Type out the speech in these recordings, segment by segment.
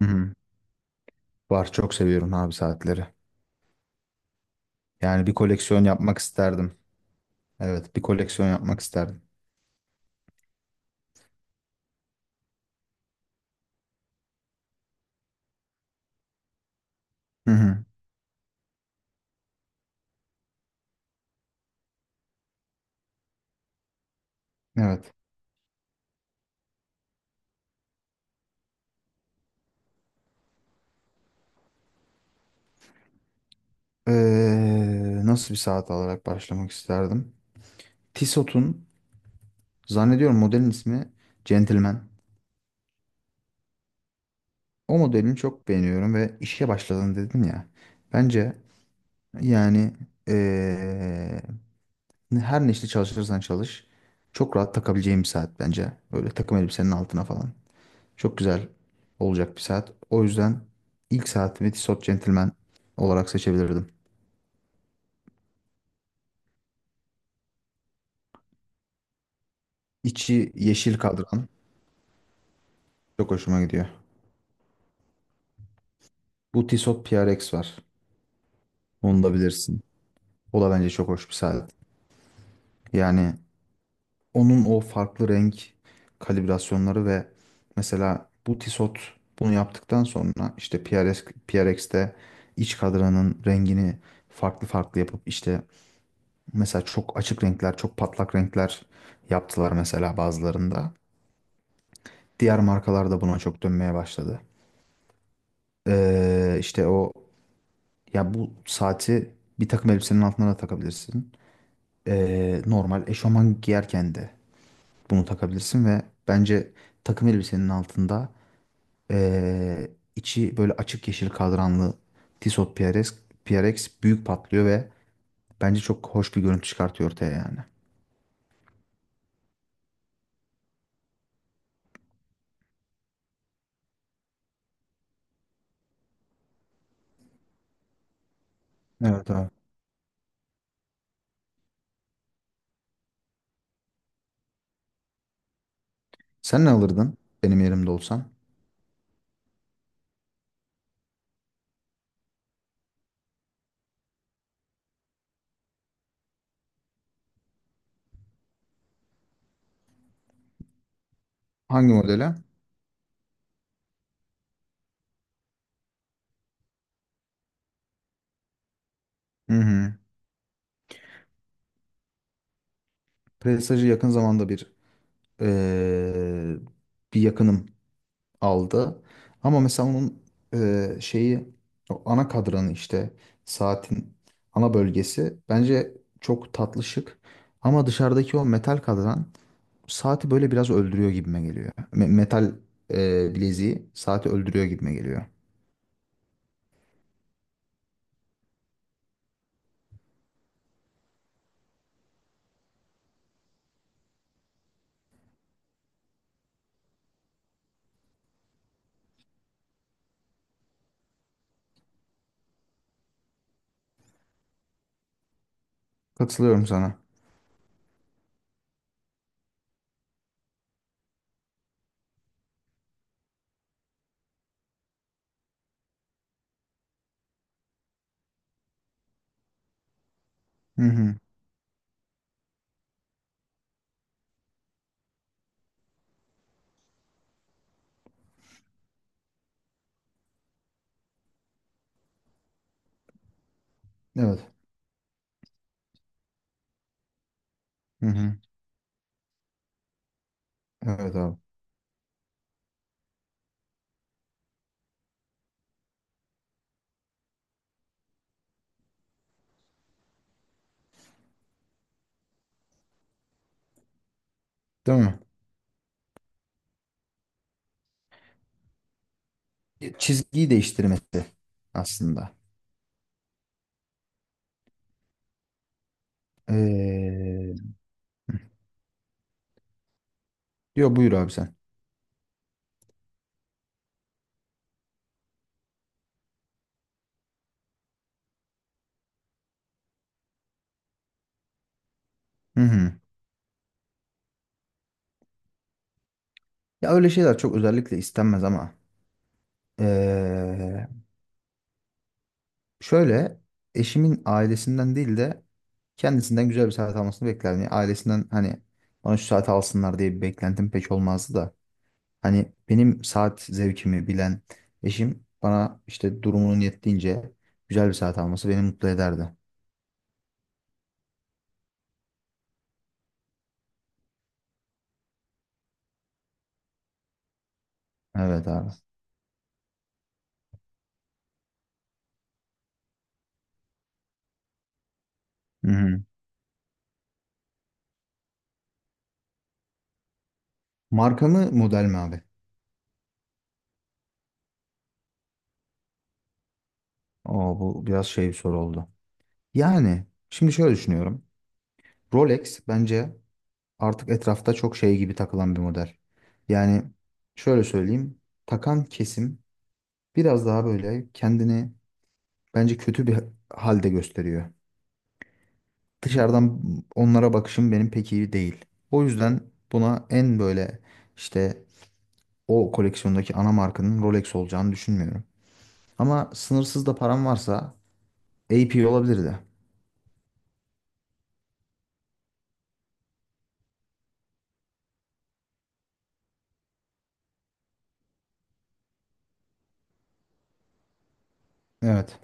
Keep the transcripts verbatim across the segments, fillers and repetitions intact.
Hı hı. Var çok seviyorum abi saatleri. Yani bir koleksiyon yapmak isterdim. Evet bir koleksiyon yapmak isterdim. Hı hı. Evet. Ee, nasıl bir saat alarak başlamak isterdim? Tissot'un zannediyorum modelin ismi Gentleman. O modelini çok beğeniyorum ve işe başladın dedin ya. Bence yani ee, her ne işte çalışırsan çalış çok rahat takabileceğim bir saat bence. Böyle takım elbisenin altına falan. Çok güzel olacak bir saat. O yüzden ilk saatimi Tissot Gentleman olarak seçebilirdim. İçi yeşil kadran çok hoşuma gidiyor. Bu Tissot P R X var. Onu da bilirsin. O da bence çok hoş bir saat. Yani onun o farklı renk kalibrasyonları ve mesela bu Tissot bunu yaptıktan sonra işte P R X, P R X'te iç kadranın rengini farklı farklı yapıp işte mesela çok açık renkler, çok patlak renkler yaptılar mesela bazılarında. Diğer markalar da buna çok dönmeye başladı. Ee, işte o ya bu saati bir takım elbisenin altına da takabilirsin. Ee, normal eşofman giyerken de bunu takabilirsin ve bence takım elbisenin altında ee, içi böyle açık yeşil kadranlı Tissot P R X, P R X büyük patlıyor ve bence çok hoş bir görüntü çıkartıyor ortaya yani. Evet abi. Sen ne alırdın benim yerimde olsan? Hangi modele? Hı hı. Prestige'i yakın zamanda bir eee, bir yakınım aldı. Ama mesela onun eee, şeyi o ana kadranı işte saatin ana bölgesi bence çok tatlı şık. Ama dışarıdaki o metal kadran saati böyle biraz öldürüyor gibime geliyor. Me- metal eee bileziği saati öldürüyor gibime geliyor. Katılıyorum sana. Hı hı. Evet. Hı hı. Evet abi. Değil mi? E, Çizgiyi değiştirmesi aslında. Eee, Yo, buyur abi sen. Hı hı. Ya öyle şeyler çok özellikle istenmez ama eee, şöyle eşimin ailesinden değil de kendisinden güzel bir saat almasını beklerdim. Yani ailesinden hani bana şu saati alsınlar diye bir beklentim pek olmazdı da. Hani benim saat zevkimi bilen eşim bana işte durumunun yettiğince güzel bir saat alması beni mutlu ederdi. Evet abi. Hı hı. Marka mı model mi abi? Oo, bu biraz şey bir soru oldu. Yani şimdi şöyle düşünüyorum. Rolex bence artık etrafta çok şey gibi takılan bir model. Yani şöyle söyleyeyim, takan kesim biraz daha böyle kendini bence kötü bir halde gösteriyor. Dışarıdan onlara bakışım benim pek iyi değil. O yüzden buna en böyle işte o koleksiyondaki ana markanın Rolex olacağını düşünmüyorum. Ama sınırsız da param varsa A P olabilirdi. Evet.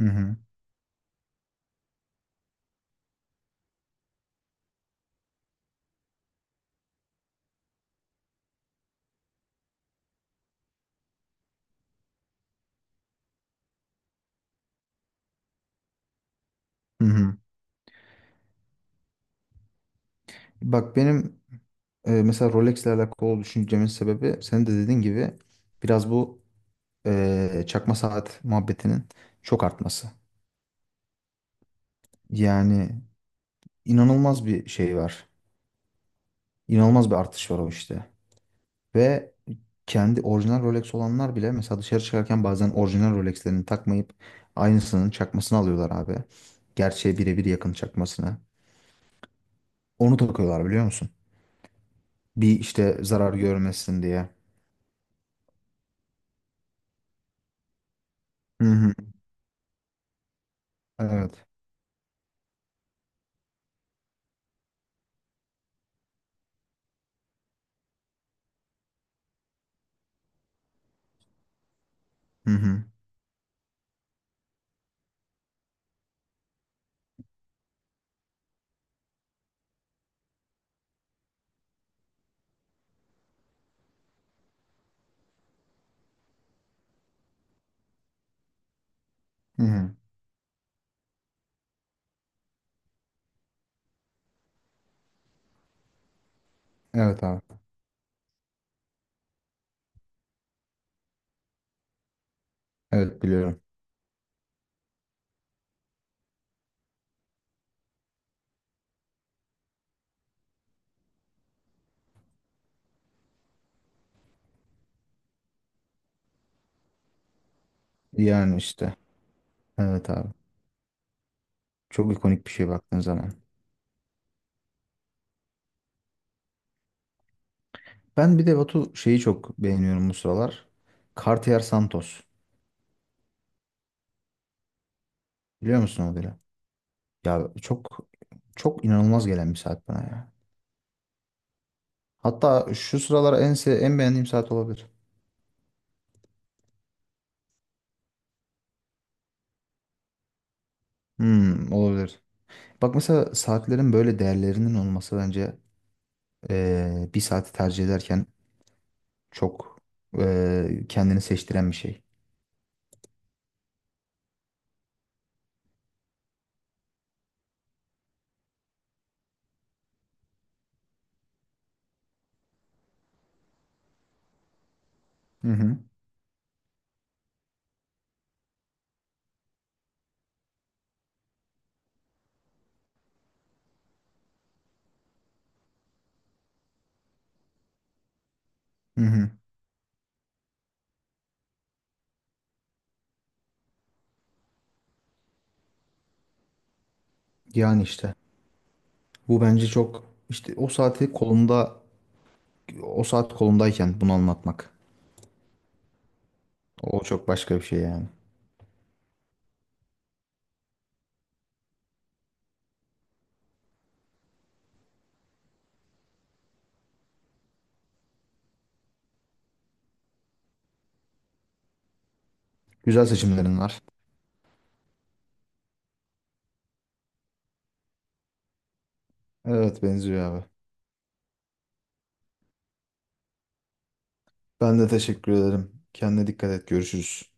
Hı hı. Hı hı. Bak benim e, mesela Rolex'le alakalı düşüncemin sebebi sen de dediğin gibi biraz bu eee, çakma saat muhabbetinin çok artması. Yani inanılmaz bir şey var. İnanılmaz bir artış var o işte. Ve kendi orijinal Rolex olanlar bile mesela dışarı çıkarken bazen orijinal Rolex'lerini takmayıp aynısının çakmasını alıyorlar abi. Gerçeğe birebir yakın çakmasını. Onu takıyorlar biliyor musun? Bir işte zarar görmesin diye. Hı hı. Evet. Hı hı. Hı hı. Evet abi. Evet biliyorum. Yani işte. Evet abi. Çok ikonik bir şey baktığın zaman. Ben bir de Batu şeyi çok beğeniyorum bu sıralar. Cartier Santos. Biliyor musun modeli? Ya çok çok inanılmaz gelen bir saat bana ya. Hatta şu sıralar en se- en beğendiğim saat olabilir. Hmm, olabilir. Bak mesela saatlerin böyle değerlerinin olması bence eee, bir saati tercih ederken çok eee, kendini seçtiren bir şey. Hı hı. Hı hı. Yani işte bu bence çok işte o saati kolumda o saat kolumdayken bunu anlatmak. O çok başka bir şey yani. Güzel seçimlerin var. Evet benziyor abi. Ben de teşekkür ederim. Kendine dikkat et. Görüşürüz.